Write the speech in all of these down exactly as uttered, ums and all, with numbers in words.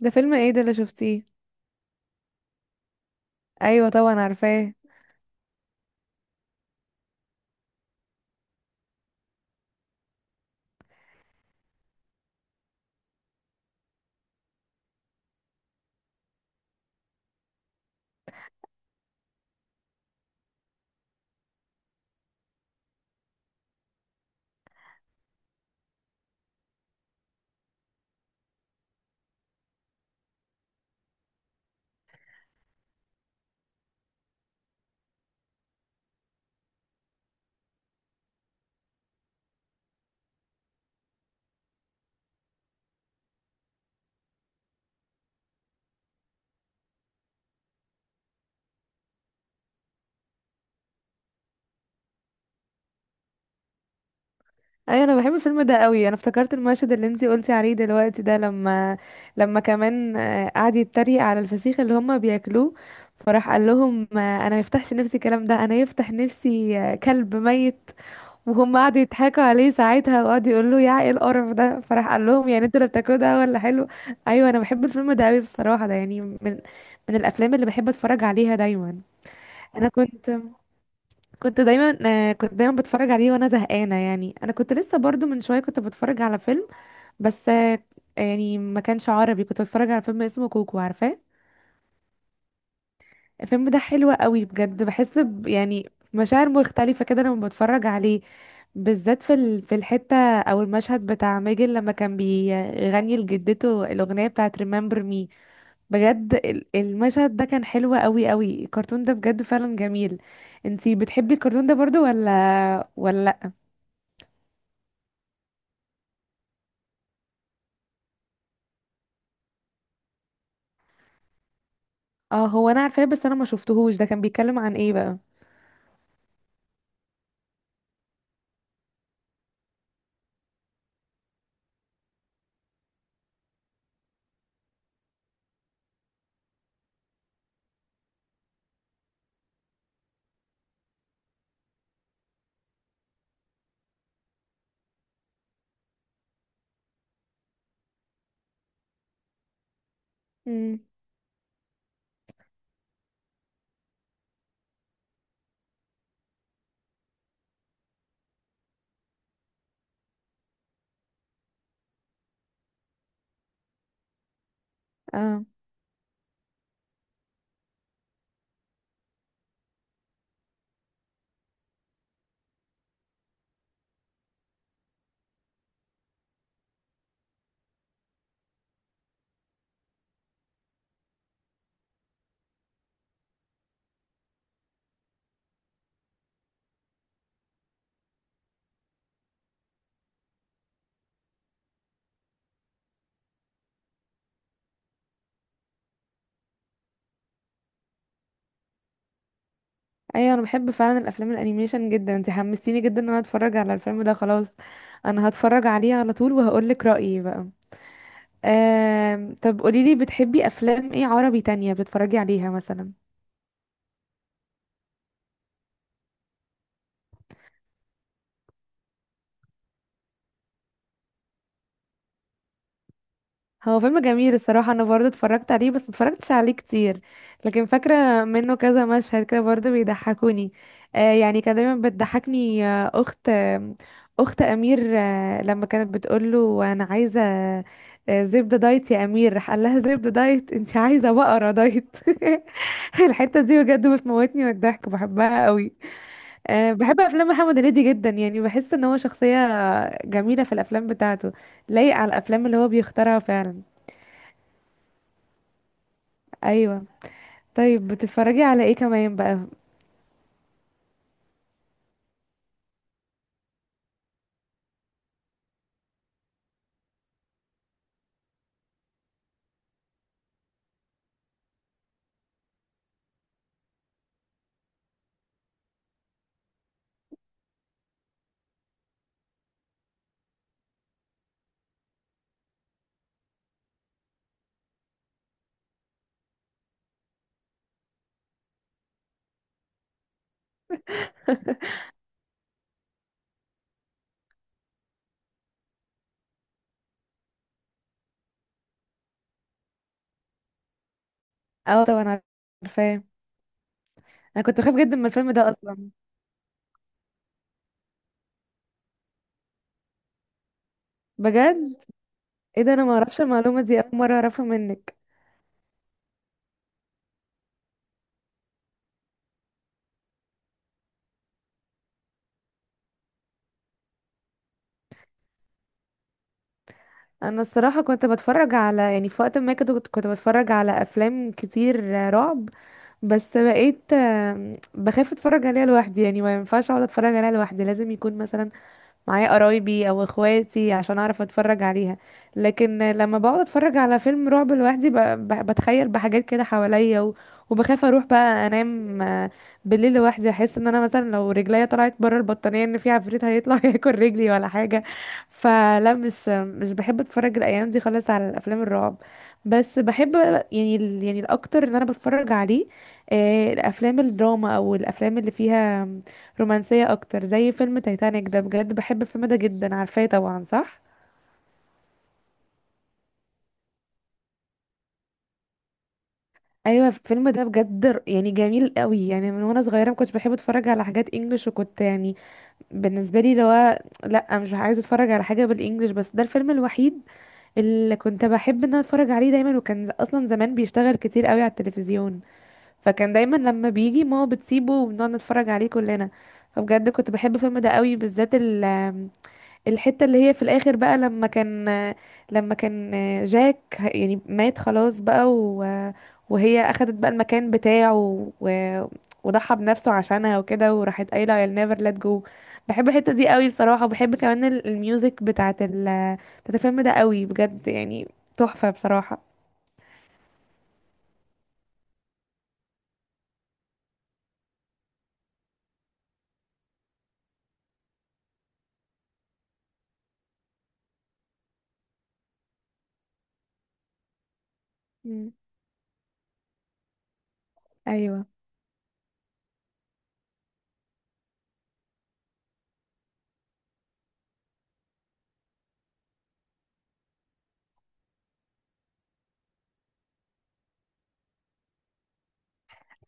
ده فيلم ايه ده اللي شفتيه؟ ايوه، طبعا عارفاه. ايوه، انا بحب الفيلم ده قوي، انا افتكرت المشهد اللي انتي قلتي عليه دلوقتي ده، لما لما كمان آه، قعد يتريق على الفسيخ اللي هما بياكلوه، فراح قال لهم آه، انا ما يفتحش نفسي الكلام ده، انا يفتح نفسي آه، كلب ميت. وهم قعدوا يضحكوا عليه ساعتها وقعدوا يقولوا له يا ايه القرف ده، فراح قال لهم يعني انتوا اللي بتاكلوه ده ولا حلو؟ ايوه، انا بحب الفيلم ده قوي بصراحه، ده يعني من من الافلام اللي بحب اتفرج عليها دايما. انا كنت كنت دايما آه، كنت دايما بتفرج عليه وانا زهقانه، يعني انا كنت لسه برضو من شويه كنت بتفرج على فيلم، بس آه، يعني ما كانش عربي، كنت بتفرج على فيلم اسمه كوكو، عارفاه؟ الفيلم ده حلو قوي بجد، بحس ب يعني مشاعر مختلفه كده لما بتفرج عليه، بالذات في ال... في الحته او المشهد بتاع ماجد لما كان بيغني لجدته الاغنيه بتاعه Remember Me. بجد ال- المشهد ده كان حلو قوي قوي، الكرتون ده بجد فعلا جميل. انتي بتحبي الكرتون ده برضو ولا ولا؟ اه، هو انا عارفاه، بس انا ما شفتهوش، ده كان بيتكلم عن ايه بقى؟ امم. اه ايوه، انا بحب فعلا الافلام الانيميشن جدا، انت حمستيني جدا ان انا اتفرج على الفيلم ده، خلاص. انا هتفرج عليه على طول وهقول لك رايي بقى. آه طب قولي لي بتحبي افلام ايه عربي تانية بتتفرجي عليها مثلا؟ هو فيلم جميل الصراحة، أنا برضه اتفرجت عليه بس متفرجتش عليه كتير، لكن فاكرة منه كذا مشهد كده برضه بيضحكوني. آه يعني كان دايما بتضحكني، آه أخت آه أخت أمير، آه لما كانت بتقوله أنا عايزة آه زبدة دايت يا أمير، راح قال لها زبدة دايت أنت عايزة بقرة دايت الحتة دي بجد بتموتني من الضحك، بحبها قوي. آه بحب أفلام محمد هنيدي جدا، يعني بحس إن هو شخصية جميلة في الأفلام بتاعته، لايق على الأفلام اللي هو بيختارها فعلا. أيوة. طيب بتتفرجي على ايه كمان بقى؟ اه طبعا عارفاه. انا كنت بخاف جدا من الفيلم ده اصلا. بجد. ايه ده، انا ما اعرفش المعلومه دي، اول مره اعرفها منك. انا الصراحه كنت بتفرج على، يعني في وقت ما كده كنت كنت بتفرج على افلام كتير رعب، بس بقيت آم، بخاف اتفرج عليها لوحدي، يعني ما ينفعش اقعد اتفرج عليها لوحدي، لازم يكون مثلا معايا قرايبي او اخواتي عشان اعرف اتفرج عليها. لكن لما بقعد اتفرج على فيلم رعب لوحدي ب- ب- بتخيل بحاجات كده حواليا و- وبخاف اروح بقى انام آه، بالليل لوحدي، احس ان انا مثلا لو رجليا طلعت بره البطانية ان في عفريت هيطلع ياكل رجلي ولا حاجة. فلا، مش مش بحب اتفرج الايام دي خالص على الافلام الرعب، بس بحب يعني ال- يعني الاكتر ان انا بتفرج عليه آه، الافلام الدراما او الافلام اللي فيها رومانسية اكتر، زي فيلم تايتانيك ده، بجد بحب الفيلم ده جدا، عارفاه طبعا صح؟ ايوه الفيلم ده بجد ر- يعني جميل قوي، يعني من وانا صغيره ما كنتش بحب اتفرج على حاجات انجلش وكنت يعني، بالنسبه لي اللي هو لا، مش عايزه اتفرج على حاجه بالانجلش، بس ده الفيلم الوحيد اللي كنت بحب ان انا اتفرج عليه دايما. وكان ز- اصلا زمان بيشتغل كتير قوي على التلفزيون، فكان دايما لما بيجي ماما بتسيبه وبنقعد نتفرج عليه كلنا. فبجد كنت بحب الفيلم ده قوي، بالذات الحتة اللي هي في الآخر بقى، لما كان لما كان جاك يعني مات خلاص بقى، و- وهي أخدت بقى المكان بتاعه و- وضحى بنفسه عشانها وكده، وراحت قايلة I'll never let go. بحب الحتة دي قوي بصراحة، وبحب كمان ال- الميوزك بتاعت ال بتاعت الفيلم ده قوي، بجد يعني تحفة بصراحة. مم. أيوة.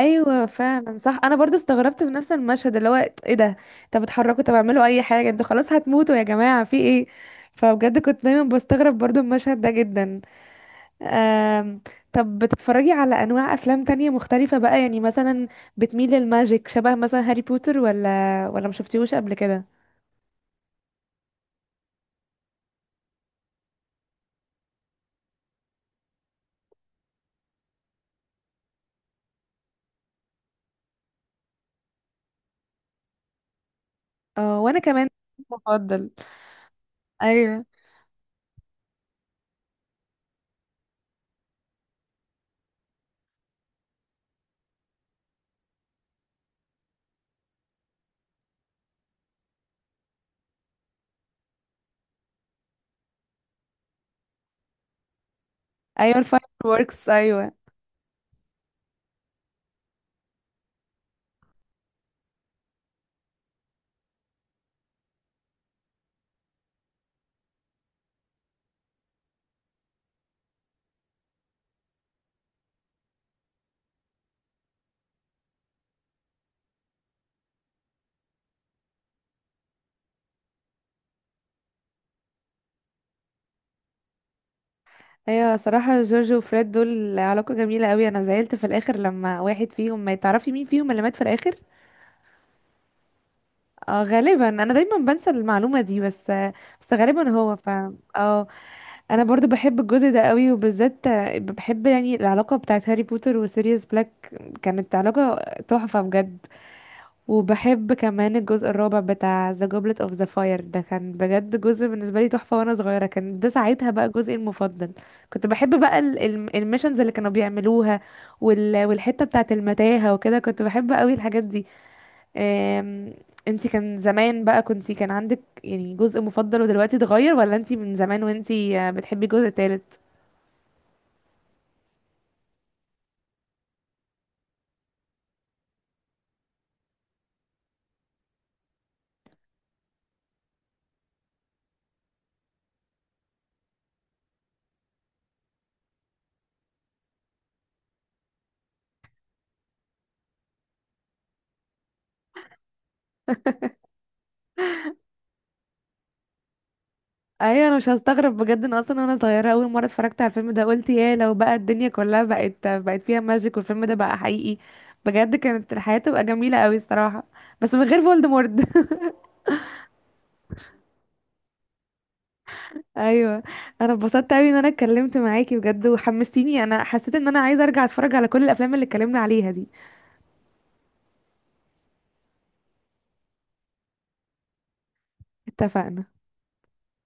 ايوه فعلا صح، انا برضو استغربت من نفس المشهد اللي هو ايه ده، طب اتحركوا طب اعملوا اي حاجه، انتوا خلاص هتموتوا يا جماعه في ايه؟ فبجد كنت دايما بستغرب برضو المشهد ده جدا. آم... طب بتتفرجي على انواع افلام تانية مختلفه بقى، يعني مثلا بتميل للماجيك، شبه مثلا هاري بوتر ولا ولا ما شفتيهوش قبل كده؟ اه وانا كمان مفضل. ايوه. ايوه الفاير ووركس، ايوه. ايوه صراحة جورج وفريد دول علاقة جميلة قوي، انا زعلت في الاخر لما واحد فيهم، ما تعرفي مين فيهم اللي مات في الاخر. اه غالبا، انا دايما بنسى المعلومة دي، بس بس غالبا هو ف اه انا برضو بحب الجزء ده قوي، وبالذات بحب يعني العلاقة بتاعت هاري بوتر وسيريوس بلاك، كانت علاقة تحفة بجد. وبحب كمان الجزء الرابع بتاع The Goblet of the Fire، ده كان بجد جزء بالنسبة لي تحفة، وانا صغيرة كان ده ساعتها بقى جزئي المفضل. كنت بحب بقى ال- ال- الميشنز اللي كانوا بيعملوها وال- والحتة بتاعة المتاهة وكده، كنت بحب قوي الحاجات دي. أم، انتي كان زمان بقى كنتي كان عندك يعني جزء مفضل ودلوقتي اتغير، ولا انتي من زمان وانتي آه، بتحبي الجزء التالت؟ ايوه انا مش هستغرب بجد، ان اصلا وانا صغيره اول مره اتفرجت على الفيلم ده قلت يا لو بقى الدنيا كلها بقت بقت فيها ماجيك والفيلم ده بقى حقيقي، بجد كانت الحياه تبقى جميله قوي الصراحه. بس من غير فولدمورت. ايوه انا اتبسطت قوي ان انا اتكلمت معاكي، بجد وحمستيني، انا حسيت ان انا عايزه ارجع اتفرج على كل الافلام اللي اتكلمنا عليها دي. اتفقنا.